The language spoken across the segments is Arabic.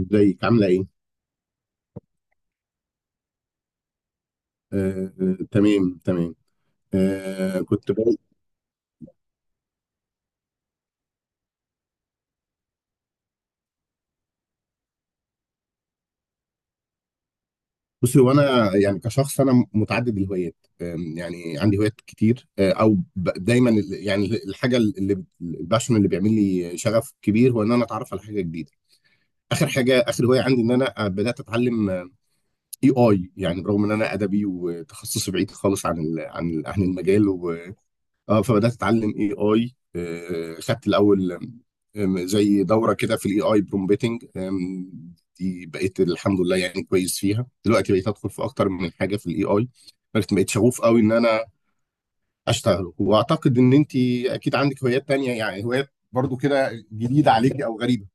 ازيك؟ عامله ايه؟ تمام تمام. كنت بقول، بصي هو انا يعني كشخص انا متعدد الهوايات، يعني عندي هوايات كتير. دايما يعني الحاجه اللي الباشن اللي بيعمل لي شغف كبير هو ان انا اتعرف على حاجه جديده. اخر حاجه، اخر هوايه عندي ان انا بدات اتعلم اي اي. يعني برغم ان انا ادبي وتخصصي بعيد خالص عن عن المجال. اه فبدات اتعلم اي اي. خدت الاول زي دوره كده في الاي اي برومبتنج، دي بقيت الحمد لله يعني كويس فيها دلوقتي، بقيت ادخل في اكتر من حاجه في الاي اي. بقيت شغوف قوي ان انا اشتغل. واعتقد ان انت اكيد عندك هوايات تانية، يعني هوايات برضو كده جديده عليكي او غريبه.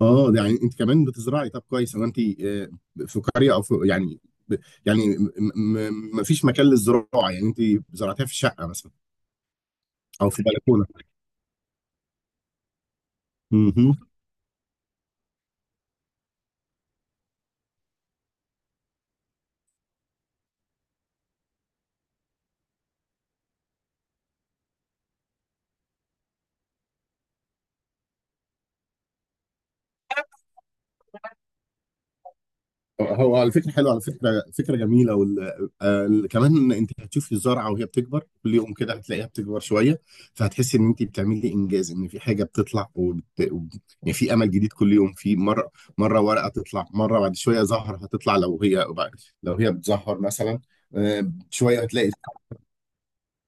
اه ده يعني انت كمان بتزرعي. طب كويس، هو انت في قريه او في يعني ب- يعني ما فيش مكان للزراعه؟ يعني انت زرعتها في شقه مثلا او في بلكونه؟ مهم. هو الفكرة حلوة، على فكرة فكرة جميلة آه كمان انت هتشوفي الزرعة وهي بتكبر كل يوم، كده هتلاقيها بتكبر شوية، فهتحسي ان انت بتعملي انجاز، ان في حاجة بتطلع يعني في امل جديد كل يوم. في مرة ورقة تطلع، مرة بعد شوية زهر هتطلع، لو هي بتزهر مثلا. شوية هتلاقي،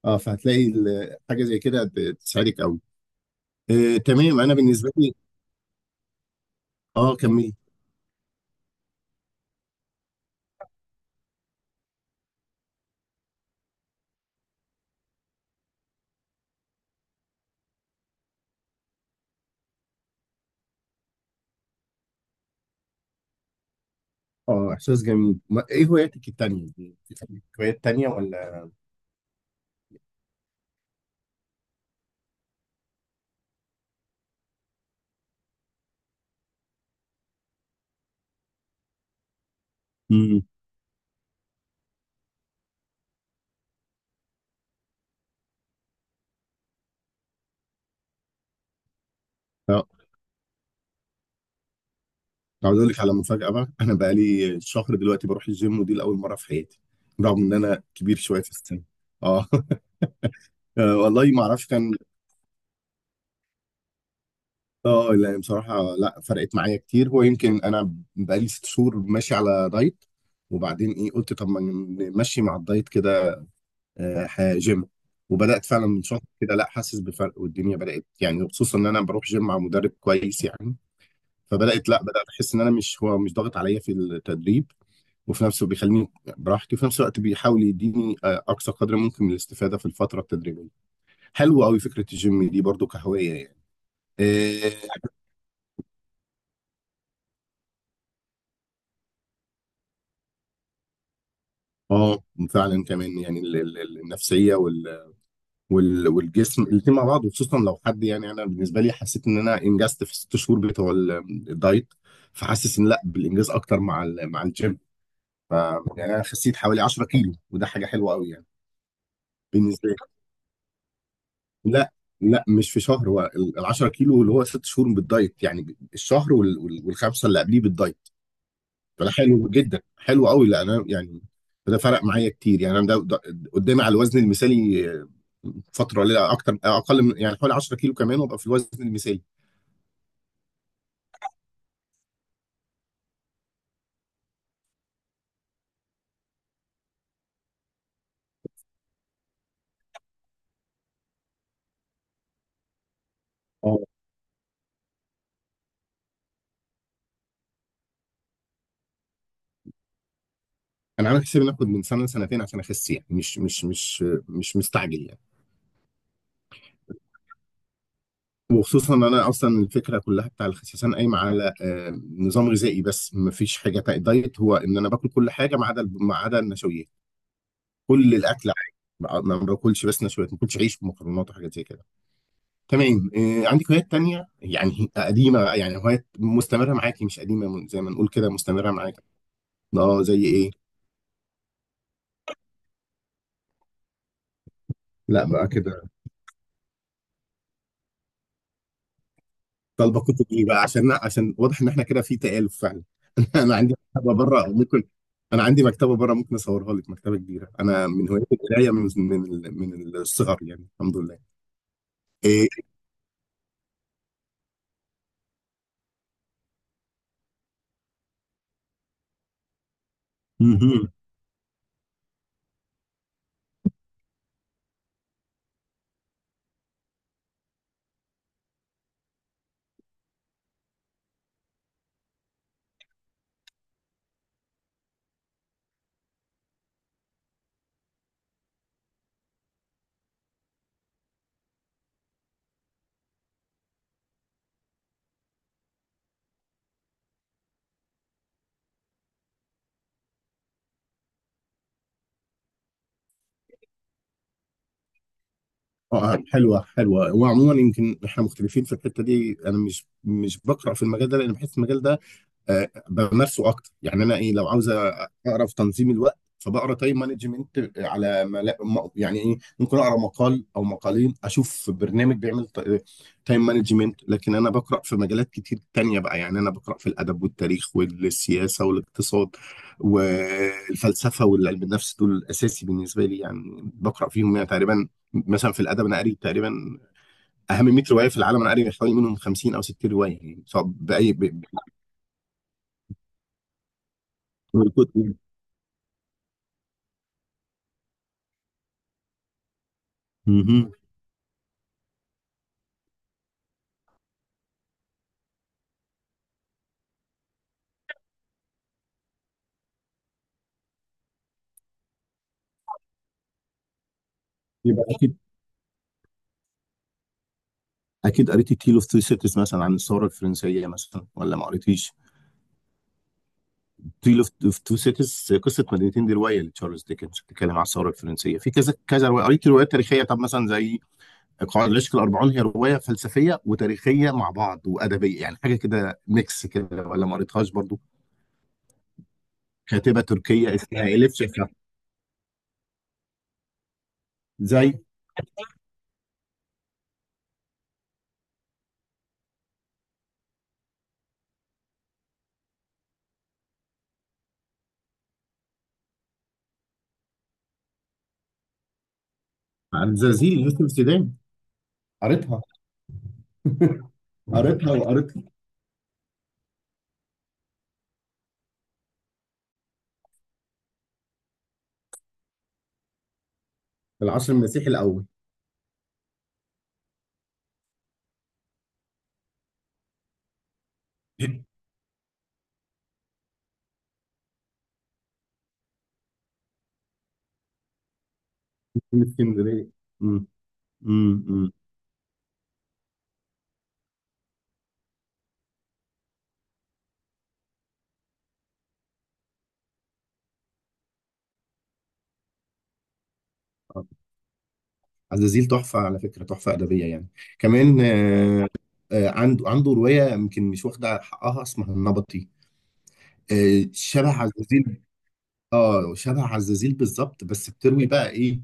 اه فهتلاقي حاجة زي كده تساعدك قوي. آه تمام. انا بالنسبة لي، اه كملي. اه احساس جميل. ما... ايه هواياتك التانية؟ دي؟ في هوايات تانية ولا؟ امم. اه عاوز اقول لك على مفاجاه بقى: انا بقى لي شهر دلوقتي بروح الجيم، ودي لاول مره في حياتي، رغم ان انا كبير شويه في السن. اه آه، والله ما اعرفش كان. اه لا بصراحه لا، فرقت معايا كتير. هو يمكن انا بقى لي ست شهور ماشي على دايت، وبعدين ايه قلت طب ما نمشي مع الدايت كده جيم. وبدات فعلا من شهر كده، لا حاسس بفرق، والدنيا بدات، يعني خصوصا ان انا بروح جيم مع مدرب كويس يعني. فبدات لا بدات احس ان انا مش، هو مش ضاغط عليا في التدريب، وفي نفسه بيخليني براحتي، وفي نفس الوقت بيحاول يديني اقصى قدر ممكن من الاستفاده في الفتره التدريبيه. حلوه قوي فكره الجيم دي برضو كهوايه يعني. اه آه، فعلا. كمان يعني النفسيه والجسم الاثنين مع بعض، وخصوصا لو حد يعني. انا بالنسبه لي حسيت ان انا انجزت في الست شهور بتوع الدايت، فحاسس ان لا بالانجاز اكتر مع مع الجيم. ف يعني انا خسيت حوالي 10 كيلو، وده حاجه حلوه قوي يعني. بالنسبه، لا لا مش في شهر. هو ال 10 كيلو اللي هو ست شهور بالدايت، يعني الشهر والخمسه اللي قبليه بالدايت. فده حلو جدا، حلو قوي. لا انا يعني ده فرق معايا كتير يعني. انا قدامي على الوزن المثالي، فتره قليله اكتر، اقل من يعني حوالي 10 كيلو كمان وابقى في الوزن المثالي. اه انا عامل حسابي ناخد من سنه لسنتين عشان اخس، يعني مش مستعجل يعني. وخصوصا ان انا اصلا الفكره كلها بتاع الخسسان قايمه على نظام غذائي بس، مفيش حاجه دايت، هو ان انا باكل كل حاجه ما عدا ما عدا النشويات. كل الاكل عادي، ما باكلش بس نشويات، ما باكلش عيش ومكرونات وحاجات زي كده. تمام. عندك هوايات تانية يعني قديمه، يعني هوايات مستمره معاكي، مش قديمه، زي ما نقول كده مستمره معاكي؟ اه زي ايه؟ لا بقى كده، طالبه كتب ايه بقى؟ عشان، عشان واضح ان احنا كده في تآلف فعلا. انا عندي مكتبه بره ممكن انا عندي مكتبه بره، ممكن اصورها لك، مكتبه كبيره. انا من هوايه القرايه من من الصغر يعني، الحمد لله. إيه؟ مهم. اه حلوه حلوه. وعموما يمكن احنا مختلفين في الحته دي. انا مش بقرا في المجال ده، لان بحس المجال ده بمارسه اكتر يعني. انا ايه، لو عاوز اقرا في تنظيم الوقت فبقرا تايم مانجمنت على يعني ايه، ممكن اقرا مقال او مقالين، اشوف برنامج بيعمل تايم مانجمنت. لكن انا بقرا في مجالات كتير تانية بقى، يعني انا بقرا في الادب والتاريخ والسياسه والاقتصاد والفلسفه والعلم النفس. دول الاساسي بالنسبه لي يعني، بقرا فيهم يعني تقريبا. مثلا في الادب، انا قاري تقريبا اهم 100 روايه في العالم، انا قاري حوالي منهم 50 او 60 روايه يعني، سواء باي ب- مهم. يبقى اكيد، اكيد قريتي تيل اوف تو سيتيز مثلا عن الثوره الفرنسيه مثلا، ولا ما قريتيش؟ تيل اوف تو سيتيز، قصه مدينتين، دي روايه لتشارلز ديكنز، بتتكلم عن الثوره الفرنسيه. في كذا كذا روايه قريت، روايات تاريخيه. طب مثلا زي قواعد العشق الاربعون، هي روايه فلسفيه وتاريخيه مع بعض وادبيه، يعني حاجه كده ميكس كده، ولا ما قريتهاش برضو؟ كاتبه تركيه اسمها اليف شفا. زي عن زلازل يوسف السودان؟ قريتها. قريتها وقريت العصر المسيحي الاول. من اسكندريه. آه، عزازيل تحفة على فكرة، تحفة أدبية يعني. كمان عنده، عنده رواية يمكن مش واخدة حقها، اسمها النبطي. شبه عزازيل. اه شبه عزازيل بالظبط، بس بتروي بقى ايه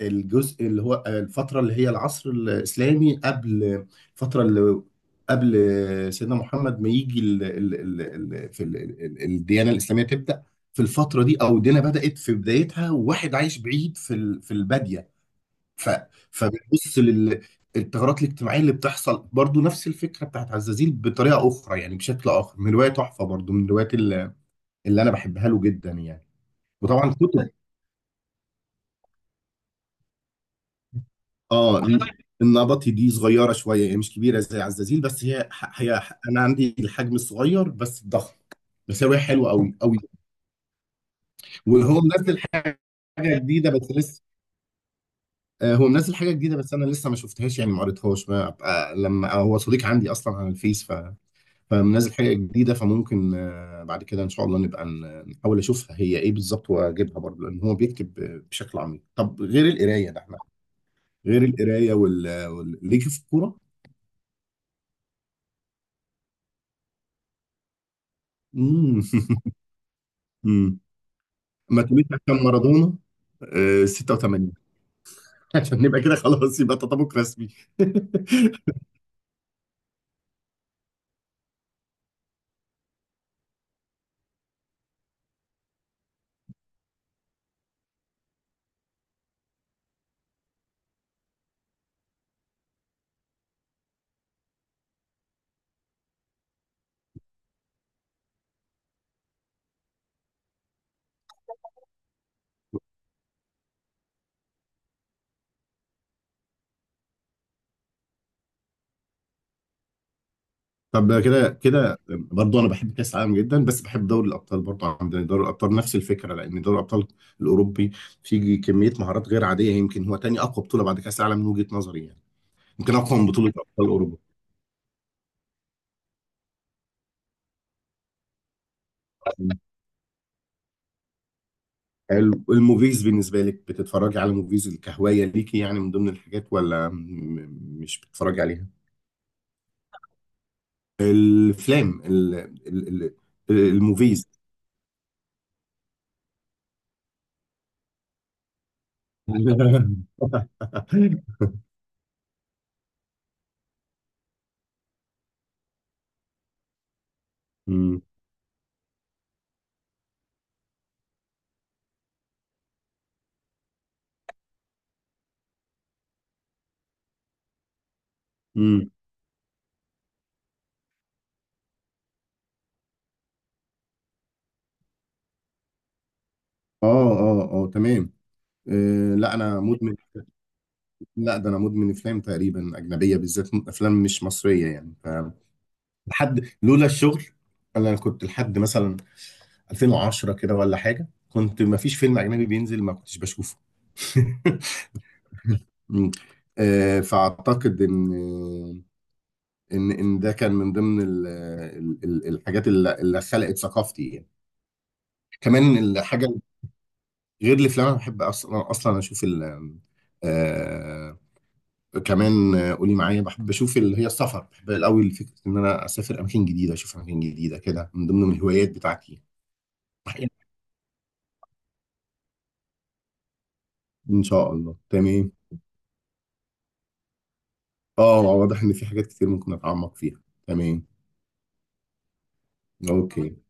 الجزء اللي هو الفترة اللي هي العصر الإسلامي قبل، الفترة اللي قبل سيدنا محمد ما يجي، ال ال ال ال في ال ال الديانة الإسلامية تبدأ في الفترة دي، أو الدنيا بدأت في بدايتها، وواحد عايش بعيد في في البادية. ف... فبنبص للثغرات الاجتماعيه اللي بتحصل، برضو نفس الفكره بتاعت عزازيل بطريقه اخرى، يعني بشكل اخر. من روايه تحفه برضو، من الروايات اللي، اللي انا بحبها له جدا يعني. وطبعا كتب. اه النبطي دي صغيره شويه يعني، مش كبيره زي عزازيل. بس هي، هي انا عندي الحجم الصغير بس الضخم، بس هي روايه حلوه قوي قوي. وهو منزل حاجه جديده بس لسه، هو منزل حاجه جديده بس انا لسه ما شفتهاش يعني، ما قريتهاش. ما أبقى، لما هو صديق عندي اصلا على الفيس، فمنزل حاجة جديدة، فممكن بعد كده إن شاء الله نبقى نحاول أشوفها هي إيه بالظبط، وأجيبها برضه، لأن هو بيكتب بشكل عميق. طب غير القراية، ده إحنا غير القراية ليك في الكورة؟ مم. مم. ما تقوليش عشان مارادونا 86؟ عشان نبقى كده خلاص، يبقى تطابق رسمي. طب كده كده برضه انا بحب كاس العالم جدا، بس بحب دوري الابطال برضه عندنا، يعني دوري الابطال نفس الفكره، لان دوري الابطال الاوروبي فيه كميه مهارات غير عاديه، يمكن هو تاني اقوى بطوله بعد كاس العالم من وجهه نظري يعني، يمكن اقوى من بطوله ابطال اوروبا. الموفيز بالنسبه لك، بتتفرجي على موفيز، الكهوايه ليكي يعني من ضمن الحاجات، ولا مش بتتفرجي عليها؟ الافلام ال- ال- الموفيز. امم. امم. اه اه اه تمام. أه لا انا مدمن، لا ده انا مدمن افلام تقريبا، اجنبيه بالذات، افلام مش مصريه يعني. ف لحد، لولا الشغل انا كنت لحد مثلا 2010 كده ولا حاجه، كنت ما فيش فيلم اجنبي بينزل ما كنتش بشوفه. مم. أه فاعتقد ان ده كان من ضمن ال ال ال الحاجات اللي خلقت ثقافتي يعني. كمان الحاجه، غير الافلام انا بحب اصلا، اصلا اشوف ال آه، كمان قولي معايا، بحب اشوف اللي هي السفر. بحب قوي فكره ان انا اسافر اماكن جديده، اشوف اماكن جديده، كده من ضمن الهوايات بتاعتي. ان شاء الله تمام. اه واضح ان في حاجات كتير ممكن اتعمق فيها. تمام اوكي.